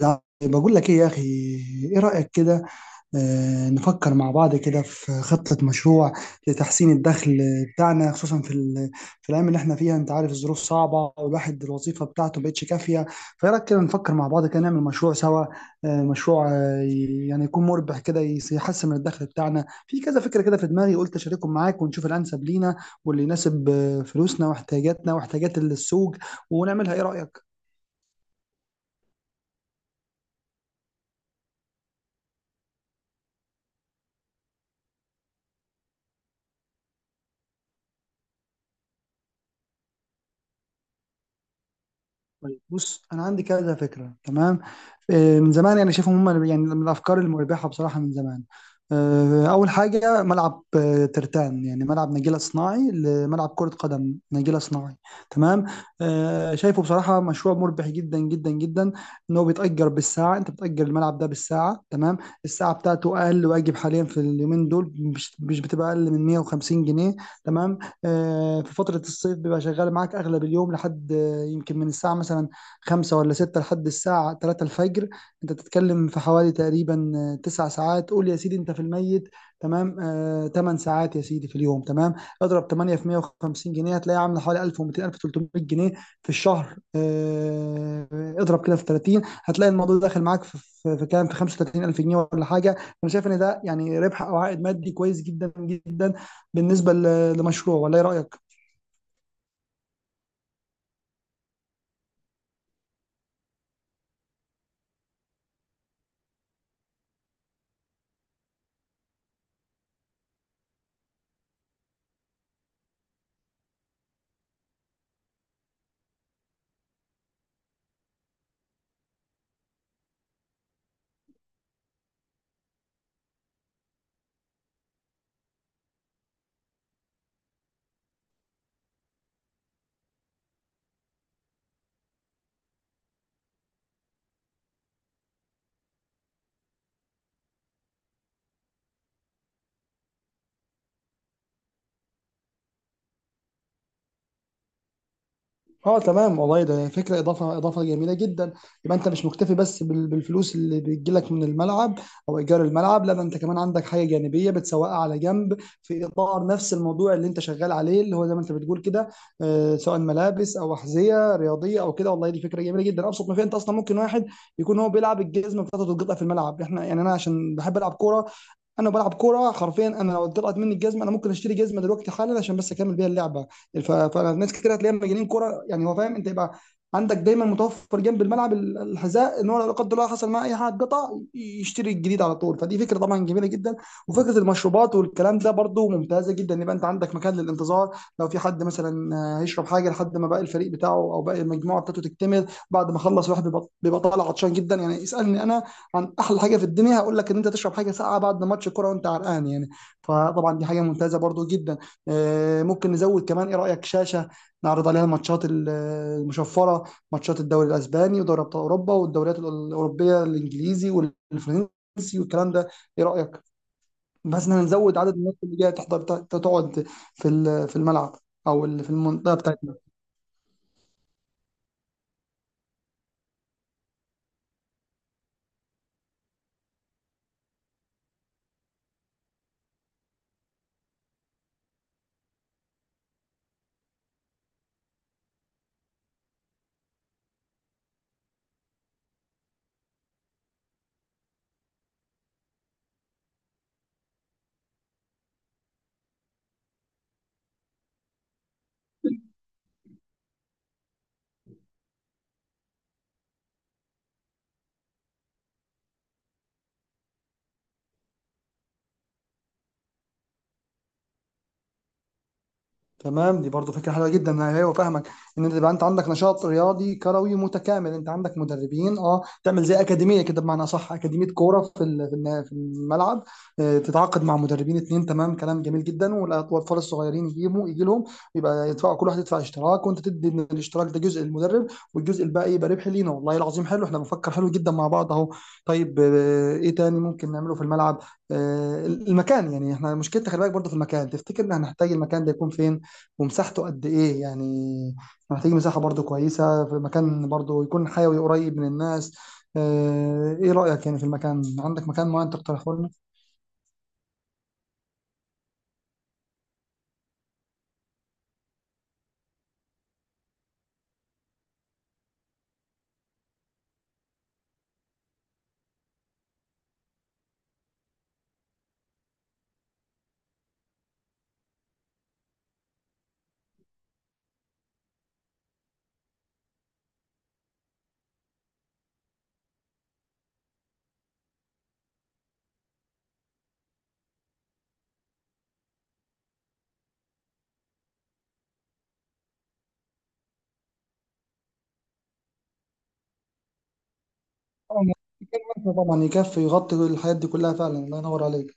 لأ، باقول لك إيه يا أخي. إيه رأيك كده؟ نفكر مع بعض كده في خطة مشروع لتحسين الدخل بتاعنا، خصوصا في الأيام اللي احنا فيها. أنت عارف الظروف صعبة والواحد الوظيفة بتاعته مبقتش كافية. فإيه رأيك كده نفكر مع بعض كده نعمل مشروع سوا؟ مشروع، يعني يكون مربح كده، يحسن من الدخل بتاعنا. في كذا فكرة كده في دماغي، قلت أشاركهم معاك ونشوف الأنسب لينا واللي يناسب فلوسنا واحتياجاتنا واحتياجات السوق ونعملها. إيه رأيك؟ طيب بص، انا عندي كذا فكره، تمام. من زمان يعني شايفهم، هم يعني من الافكار المربحه بصراحه من زمان. اول حاجه ملعب، ترتان، يعني ملعب نجيله صناعي، لملعب كره قدم نجيله صناعي، تمام. شايفه بصراحه مشروع مربح جدا جدا جدا. ان هو بيتاجر بالساعه، انت بتاجر الملعب ده بالساعه، تمام. الساعه بتاعته اقل واجب حاليا في اليومين دول، مش بتبقى اقل من 150 جنيه، تمام. في فتره الصيف بيبقى شغال معاك اغلب اليوم، لحد يمكن من الساعة مثلا خمسة ولا ستة لحد الساعة تلاتة الفجر. أنت بتتكلم في حوالي تقريبا 9 ساعات، قول يا سيدي أنت في الميت، تمام، 8 ساعات يا سيدي في اليوم، تمام. اضرب 8 في 150 جنيه، هتلاقي عاملة حوالي 1200 1300 جنيه في الشهر. اضرب كده في 30، هتلاقي الموضوع داخل معاك في كام، في 35,000 جنيه ولا حاجة. أنا شايف إن ده يعني ربح أو عائد مادي كويس جدا جدا بالنسبة لمشروع، ولا إيه رأيك؟ اه تمام، والله ده فكره، اضافه اضافه جميله جدا. يبقى انت مش مكتفي بس بالفلوس اللي بتجيلك من الملعب او ايجار الملعب، لا ده انت كمان عندك حاجه جانبيه بتسوقها على جنب، في اطار نفس الموضوع اللي انت شغال عليه، اللي هو زي ما انت بتقول كده، سواء ملابس او احذيه رياضيه او كده. والله دي فكره جميله جدا. ابسط ما فيها، انت اصلا ممكن واحد يكون هو بيلعب الجزمه بتاعته تتقطع في الملعب. احنا يعني، انا عشان بحب العب كوره، انا بلعب كوره حرفيا، انا لو طلعت مني الجزمه انا ممكن اشتري جزمه دلوقتي حالا عشان بس اكمل بيها اللعبه. فناس كتير هتلاقيها مجانين كوره، يعني هو فاهم انت. يبقى عندك دايما متوفر جنب الملعب الحذاء، ان هو لو لا قدر الله حصل معاه اي حاجه قطع يشتري الجديد على طول. فدي فكره طبعا جميله جدا. وفكره المشروبات والكلام ده برضو ممتازه جدا، ان يبقى انت عندك مكان للانتظار، لو في حد مثلا هيشرب حاجه لحد ما باقي الفريق بتاعه او باقي المجموعه بتاعته تكتمل. بعد ما خلص الواحد بيبقى طالع عطشان جدا، يعني اسالني انا عن احلى حاجه في الدنيا هقول لك ان انت تشرب حاجه ساقعه بعد ماتش كوره وانت عرقان يعني. فطبعا دي حاجه ممتازه برضو جدا. ممكن نزود كمان، ايه رايك شاشه نعرض عليها الماتشات المشفره، ماتشات الدوري الاسباني ودوري ابطال اوروبا والدوريات الاوروبيه، الانجليزي والفرنسي والكلام ده. ايه رايك، بس إن احنا نزود عدد الناس اللي جايه تحضر تقعد في الملعب، او في المنطقه بتاعتنا. تمام، دي برضو فكره حلوه جدا. انا ايوه فاهمك، ان انت يبقى انت عندك نشاط رياضي كروي متكامل، انت عندك مدربين، اه تعمل زي اكاديميه كده بمعنى صح، اكاديميه كوره في الملعب. تتعاقد مع مدربين اتنين، تمام، كلام جميل جدا. والاطفال الصغيرين يجيبوا يجي لهم، يبقى يدفعوا، كل واحد يدفع اشتراك وانت تدي من الاشتراك ده جزء للمدرب والجزء الباقي يبقى ربح لينا. والله العظيم حلو، احنا بنفكر حلو جدا مع بعض اهو. طيب ايه تاني ممكن نعمله في الملعب؟ المكان، يعني احنا مشكلتنا خلي بالك برضو في المكان. تفتكر ان هنحتاج المكان ده يكون فين ومساحته قد ايه يعني؟ إحنا محتاجين مساحة برضو كويسة، في مكان برضو يكون حيوي قريب من الناس. ايه رأيك يعني في المكان؟ عندك مكان معين تقترحه لنا؟ آه، مكان واسع طبعا يكفي يغطي الحاجات دي كلها، فعلا الله ينور عليك.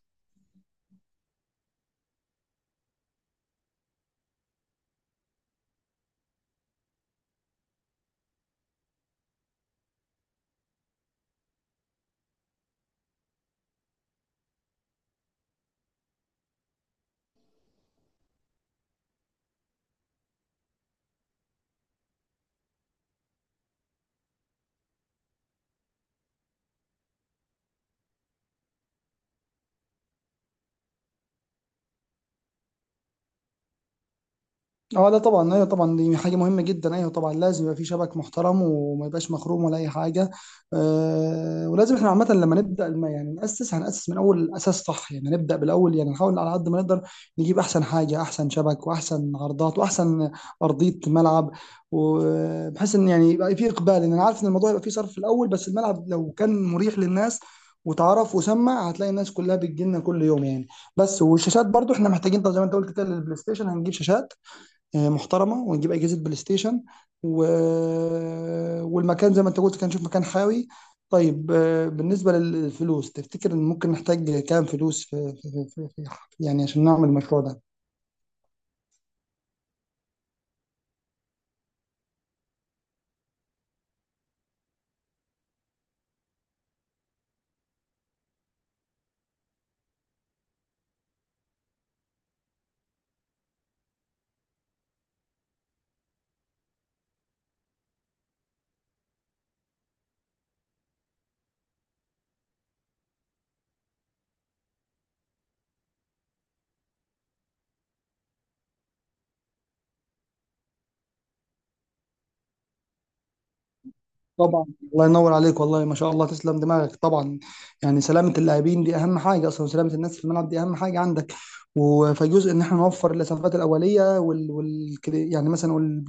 اه لا طبعا، ايوه طبعا، دي حاجه مهمه جدا. ايوه طبعا لازم يبقى في شبك محترم وما يبقاش مخروم ولا اي حاجه. أه، ولازم احنا عامه لما نبدا يعني هناسس من اول الاساس صح، يعني نبدا بالاول، يعني نحاول على قد ما نقدر نجيب احسن حاجه، احسن شبك واحسن عرضات واحسن ارضيه ملعب، وبحيث ان يعني يبقى في اقبال. لان انا عارف ان الموضوع يبقى فيه صرف في الاول، بس الملعب لو كان مريح للناس وتعرف وسمع هتلاقي الناس كلها بتجيلنا كل يوم يعني. بس والشاشات برضو احنا محتاجين، طب زي ما انت قلت كده للبلاي ستيشن، هنجيب شاشات محترمه ونجيب اجهزه بلاي ستيشن و... والمكان زي ما انت قلت كان نشوف مكان حيوي. طيب بالنسبه للفلوس، تفتكر ان ممكن نحتاج كام فلوس يعني عشان نعمل المشروع ده؟ طبعا الله ينور عليك، والله ما شاء الله تسلم دماغك. طبعا، يعني سلامة اللاعبين دي أهم حاجة أصلا، سلامة الناس في الملعب دي أهم حاجة عندك. فجزء إن إحنا نوفر الإسعافات الأولية كده يعني مثلا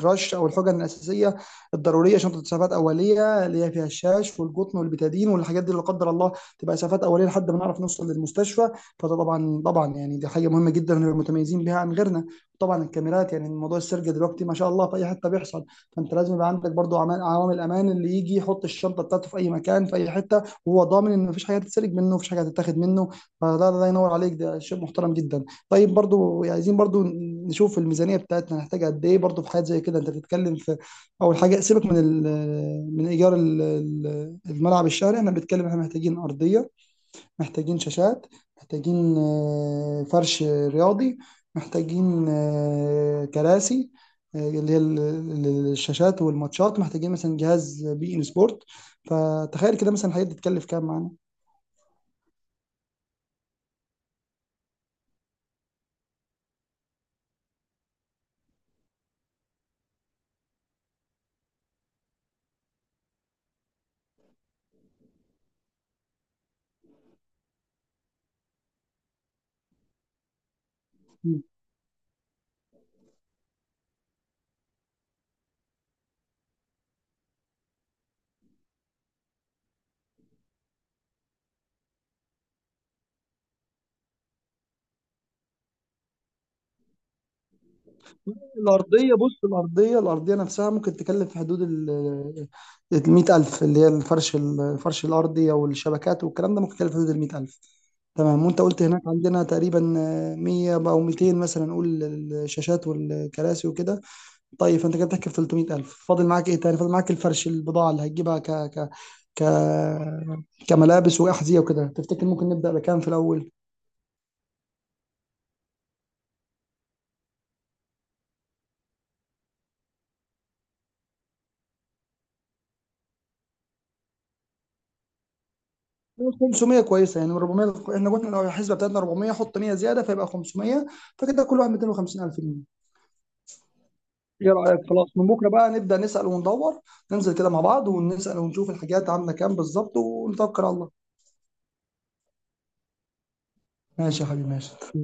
الرش أو الحقن الأساسية الضرورية، شنطة إسعافات أولية اللي هي فيها الشاش والقطن والبتادين والحاجات دي، لا قدر الله، تبقى إسعافات أولية لحد ما نعرف نوصل للمستشفى. فده طبعا طبعا يعني دي حاجة مهمة جدا ونبقى متميزين بيها عن غيرنا. طبعا الكاميرات، يعني موضوع السرقة دلوقتي ما شاء الله في أي حتة بيحصل، فانت لازم يبقى عندك برضو عوامل امان، اللي يجي يحط الشنطه بتاعته في اي مكان في اي حته وهو ضامن ان مفيش حاجه هتتسرق منه، مفيش حاجه هتتاخد منه. فده الله ينور عليك، ده شيء محترم جدا. طيب برضو عايزين برضو نشوف الميزانيه بتاعتنا هنحتاج قد ايه. برضو في حاجات زي كده انت بتتكلم في، اول حاجه سيبك من ايجار الملعب الشهري، انا بتكلم احنا محتاجين ارضيه، محتاجين شاشات، محتاجين فرش رياضي، محتاجين كراسي، اللي هي الشاشات والماتشات، محتاجين مثلا جهاز بي ان سبورت. فتخيل كده مثلا الحاجات دي تكلف كام معانا؟ مم. الأرضية بص، الأرضية نفسها ممكن تكلف في حدود المية ألف، اللي هي الفرش، الأرضي أو الشبكات والكلام ده ممكن يكلف في حدود المية ألف، تمام. وأنت قلت هناك عندنا تقريبا مية أو ميتين مثلا نقول، الشاشات والكراسي وكده. طيب فانت كده بتحكي في 300,000. فاضل معاك ايه تاني؟ فاضل معاك الفرش، البضاعه اللي هتجيبها ك ك ك كملابس واحذيه وكده. تفتكر ممكن نبدا بكام في الاول؟ 500 كويسه، يعني من 400. احنا قلنا لو الحسبه بتاعتنا 400، حط 100 زياده فيبقى 500، فكده كل واحد 250,000 جنيه. ايه رايك؟ خلاص من بكره بقى نبدا نسال وندور، ننزل كده مع بعض ونسال ونشوف الحاجات عامله كام بالظبط ونتوكل على الله. ماشي يا حبيبي، ماشي. مع